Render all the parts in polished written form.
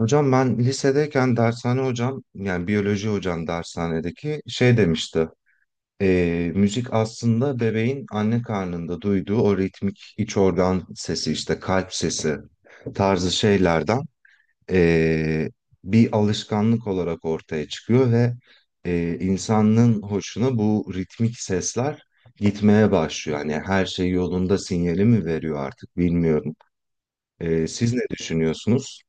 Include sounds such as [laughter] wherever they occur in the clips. Hocam ben lisedeyken dershane hocam yani biyoloji hocam dershanedeki şey demişti. Müzik aslında bebeğin anne karnında duyduğu o ritmik iç organ sesi işte kalp sesi tarzı şeylerden ee, bir alışkanlık olarak ortaya çıkıyor ve insanın hoşuna bu ritmik sesler gitmeye başlıyor. Yani her şey yolunda sinyali mi veriyor artık bilmiyorum. Siz ne düşünüyorsunuz?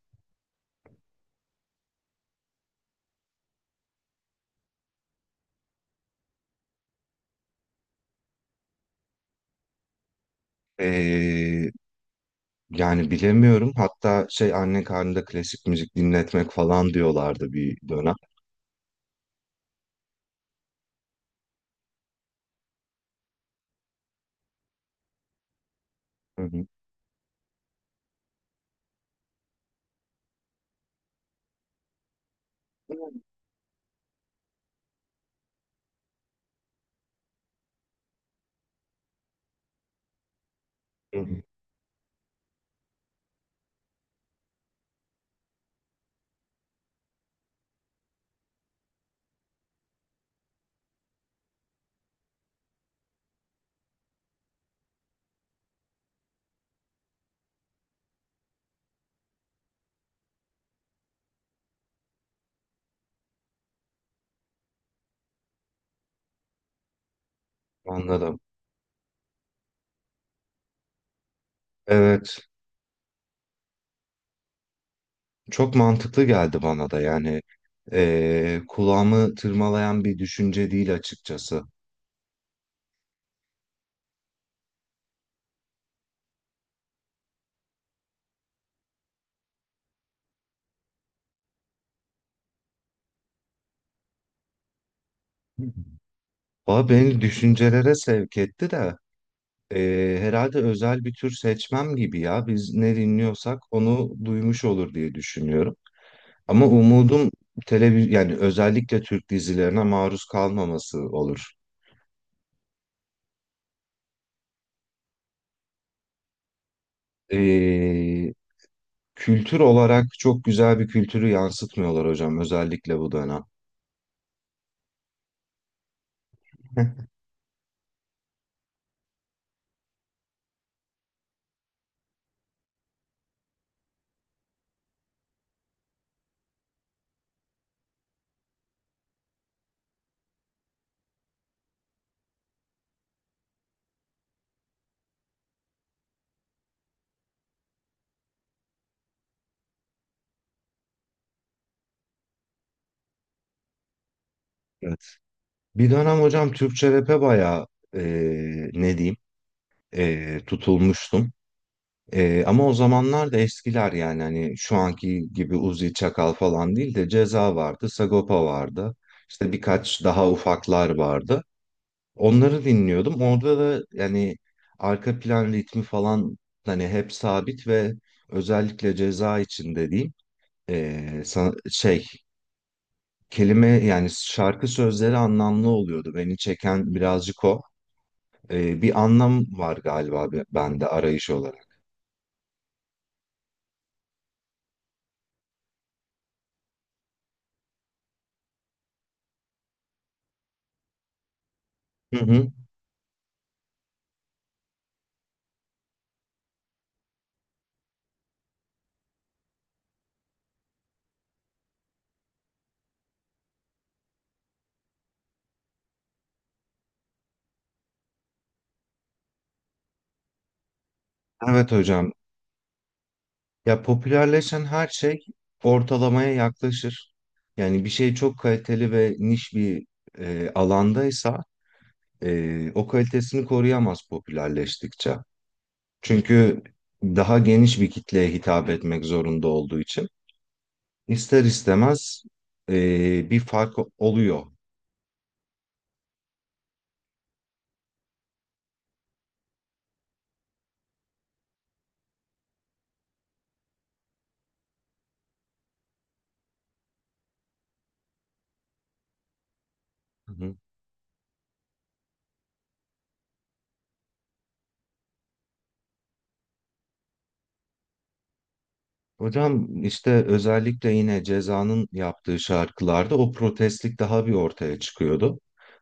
Ee, Yani bilemiyorum. Hatta şey anne karnında klasik müzik dinletmek falan diyorlardı bir dönem. Hı hı. Hı hı. Anladım. Evet, çok mantıklı geldi bana da yani kulağımı tırmalayan bir düşünce değil açıkçası. Hı hı. Valla beni düşüncelere sevk etti de herhalde özel bir tür seçmem gibi ya. Biz ne dinliyorsak onu duymuş olur diye düşünüyorum. Ama umudum televiz yani özellikle Türk dizilerine maruz kalmaması olur. Ee, Kültür olarak çok güzel bir kültürü yansıtmıyorlar hocam özellikle bu dönem. Evet. Bir dönem hocam Türkçe rap'e bayağı ne diyeyim, tutulmuştum. Ama o zamanlar da eskiler yani hani şu anki gibi Uzi Çakal falan değil de Ceza vardı, Sagopa vardı. İşte birkaç daha ufaklar vardı. Onları dinliyordum. Orada da yani arka plan ritmi falan hani hep sabit ve özellikle Ceza için dediğim şey, kelime yani şarkı sözleri anlamlı oluyordu. Beni çeken birazcık o. Bir anlam var galiba bende arayış olarak. Hı hı. Evet hocam. Ya popülerleşen her şey ortalamaya yaklaşır. Yani bir şey çok kaliteli ve niş bir alandaysa o kalitesini koruyamaz popülerleştikçe. Çünkü daha geniş bir kitleye hitap etmek zorunda olduğu için. İster istemez bir fark oluyor. Hı hı. Hocam işte özellikle yine Ceza'nın yaptığı şarkılarda o protestlik daha bir ortaya çıkıyordu.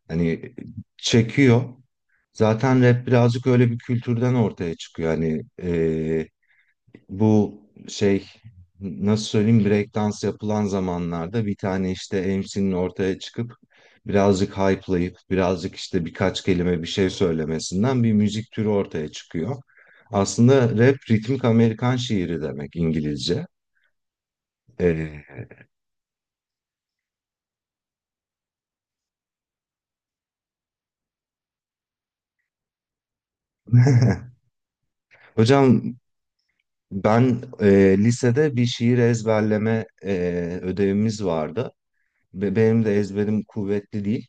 Hani çekiyor. Zaten rap birazcık öyle bir kültürden ortaya çıkıyor. Hani bu şey, nasıl söyleyeyim, breakdance yapılan zamanlarda bir tane işte MC'nin ortaya çıkıp birazcık hype'layıp birazcık işte birkaç kelime bir şey söylemesinden bir müzik türü ortaya çıkıyor. Aslında rap ritmik Amerikan şiiri demek İngilizce. Ee, [laughs] hocam ben lisede bir şiir ezberleme ödevimiz vardı. Ve benim de ezberim kuvvetli değil.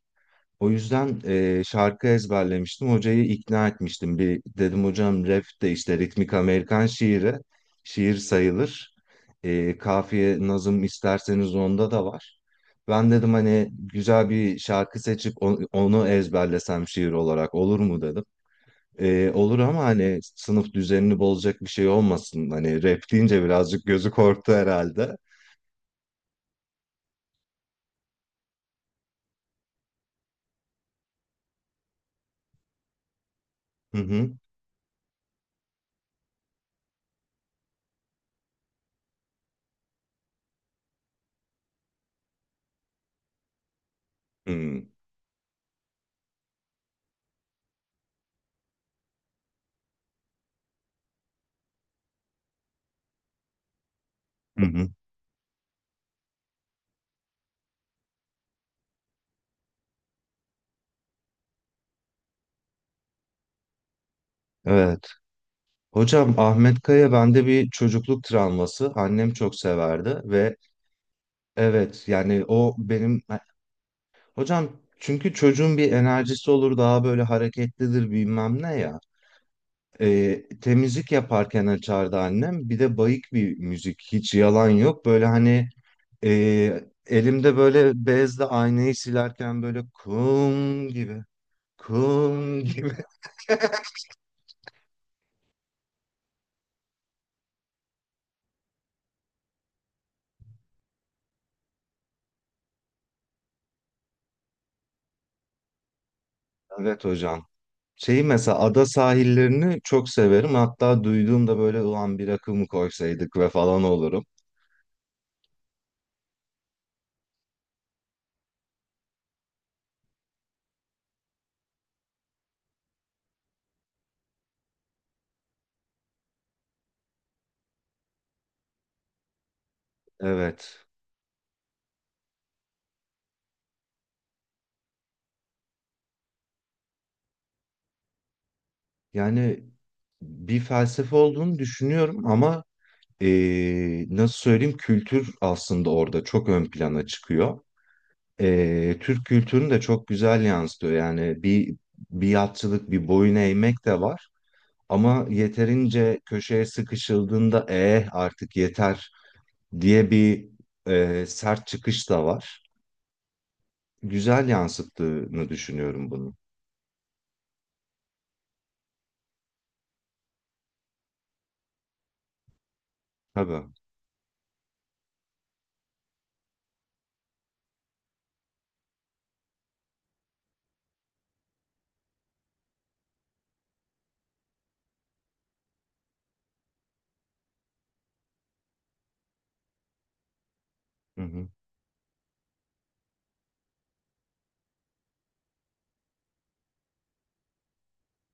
O yüzden şarkı ezberlemiştim. Hocayı ikna etmiştim. Bir dedim hocam rap de işte ritmik Amerikan şiiri. Şiir sayılır. E, kafiye nazım isterseniz onda da var. Ben dedim hani güzel bir şarkı seçip onu ezberlesem şiir olarak olur mu dedim. Olur ama hani sınıf düzenini bozacak bir şey olmasın. Hani rap deyince birazcık gözü korktu herhalde. Hı hı. Hı hı. Hı. Evet. Hocam Ahmet Kaya bende bir çocukluk travması. Annem çok severdi ve evet yani o benim hocam çünkü çocuğun bir enerjisi olur daha böyle hareketlidir bilmem ne ya. Temizlik yaparken açardı annem. Bir de bayık bir müzik hiç yalan yok. Böyle hani elimde böyle bezle aynayı silerken böyle kum gibi, kum gibi. [laughs] Evet hocam. Şeyi mesela ada sahillerini çok severim. Hatta duyduğumda böyle ulan bir akım koysaydık ve falan olurum. Evet. Yani bir felsefe olduğunu düşünüyorum ama nasıl söyleyeyim, kültür aslında orada çok ön plana çıkıyor. E, Türk kültürünü de çok güzel yansıtıyor. Yani bir biatçılık, bir boyun eğmek de var. Ama yeterince köşeye sıkışıldığında eh artık yeter diye bir sert çıkış da var. Güzel yansıttığını düşünüyorum bunu. Tabii. Hı hı.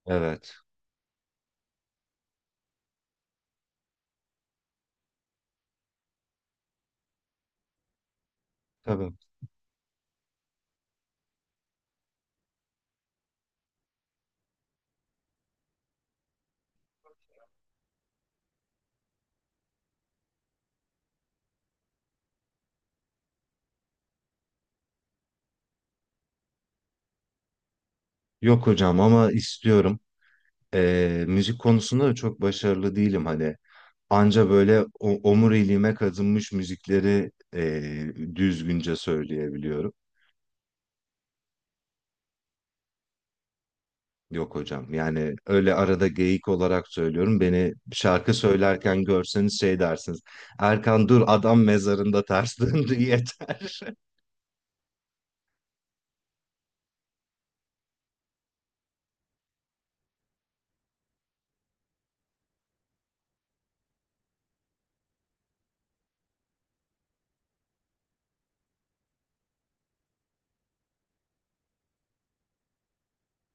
Evet. Tabii. Yok hocam ama istiyorum. E, müzik konusunda da çok başarılı değilim hani. Anca böyle omuriliğime kazınmış müzikleri düzgünce söyleyebiliyorum. Yok hocam yani öyle arada geyik olarak söylüyorum. Beni şarkı söylerken görseniz şey dersiniz. Erkan dur adam mezarında ters döndü [laughs] yeter.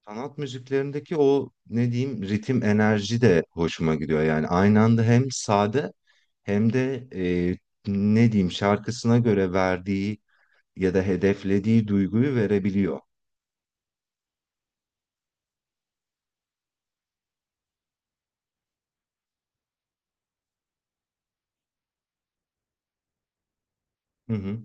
Sanat müziklerindeki o ne diyeyim ritim enerji de hoşuma gidiyor. Yani aynı anda hem sade hem de ne diyeyim şarkısına göre verdiği ya da hedeflediği duyguyu verebiliyor. Hı hı.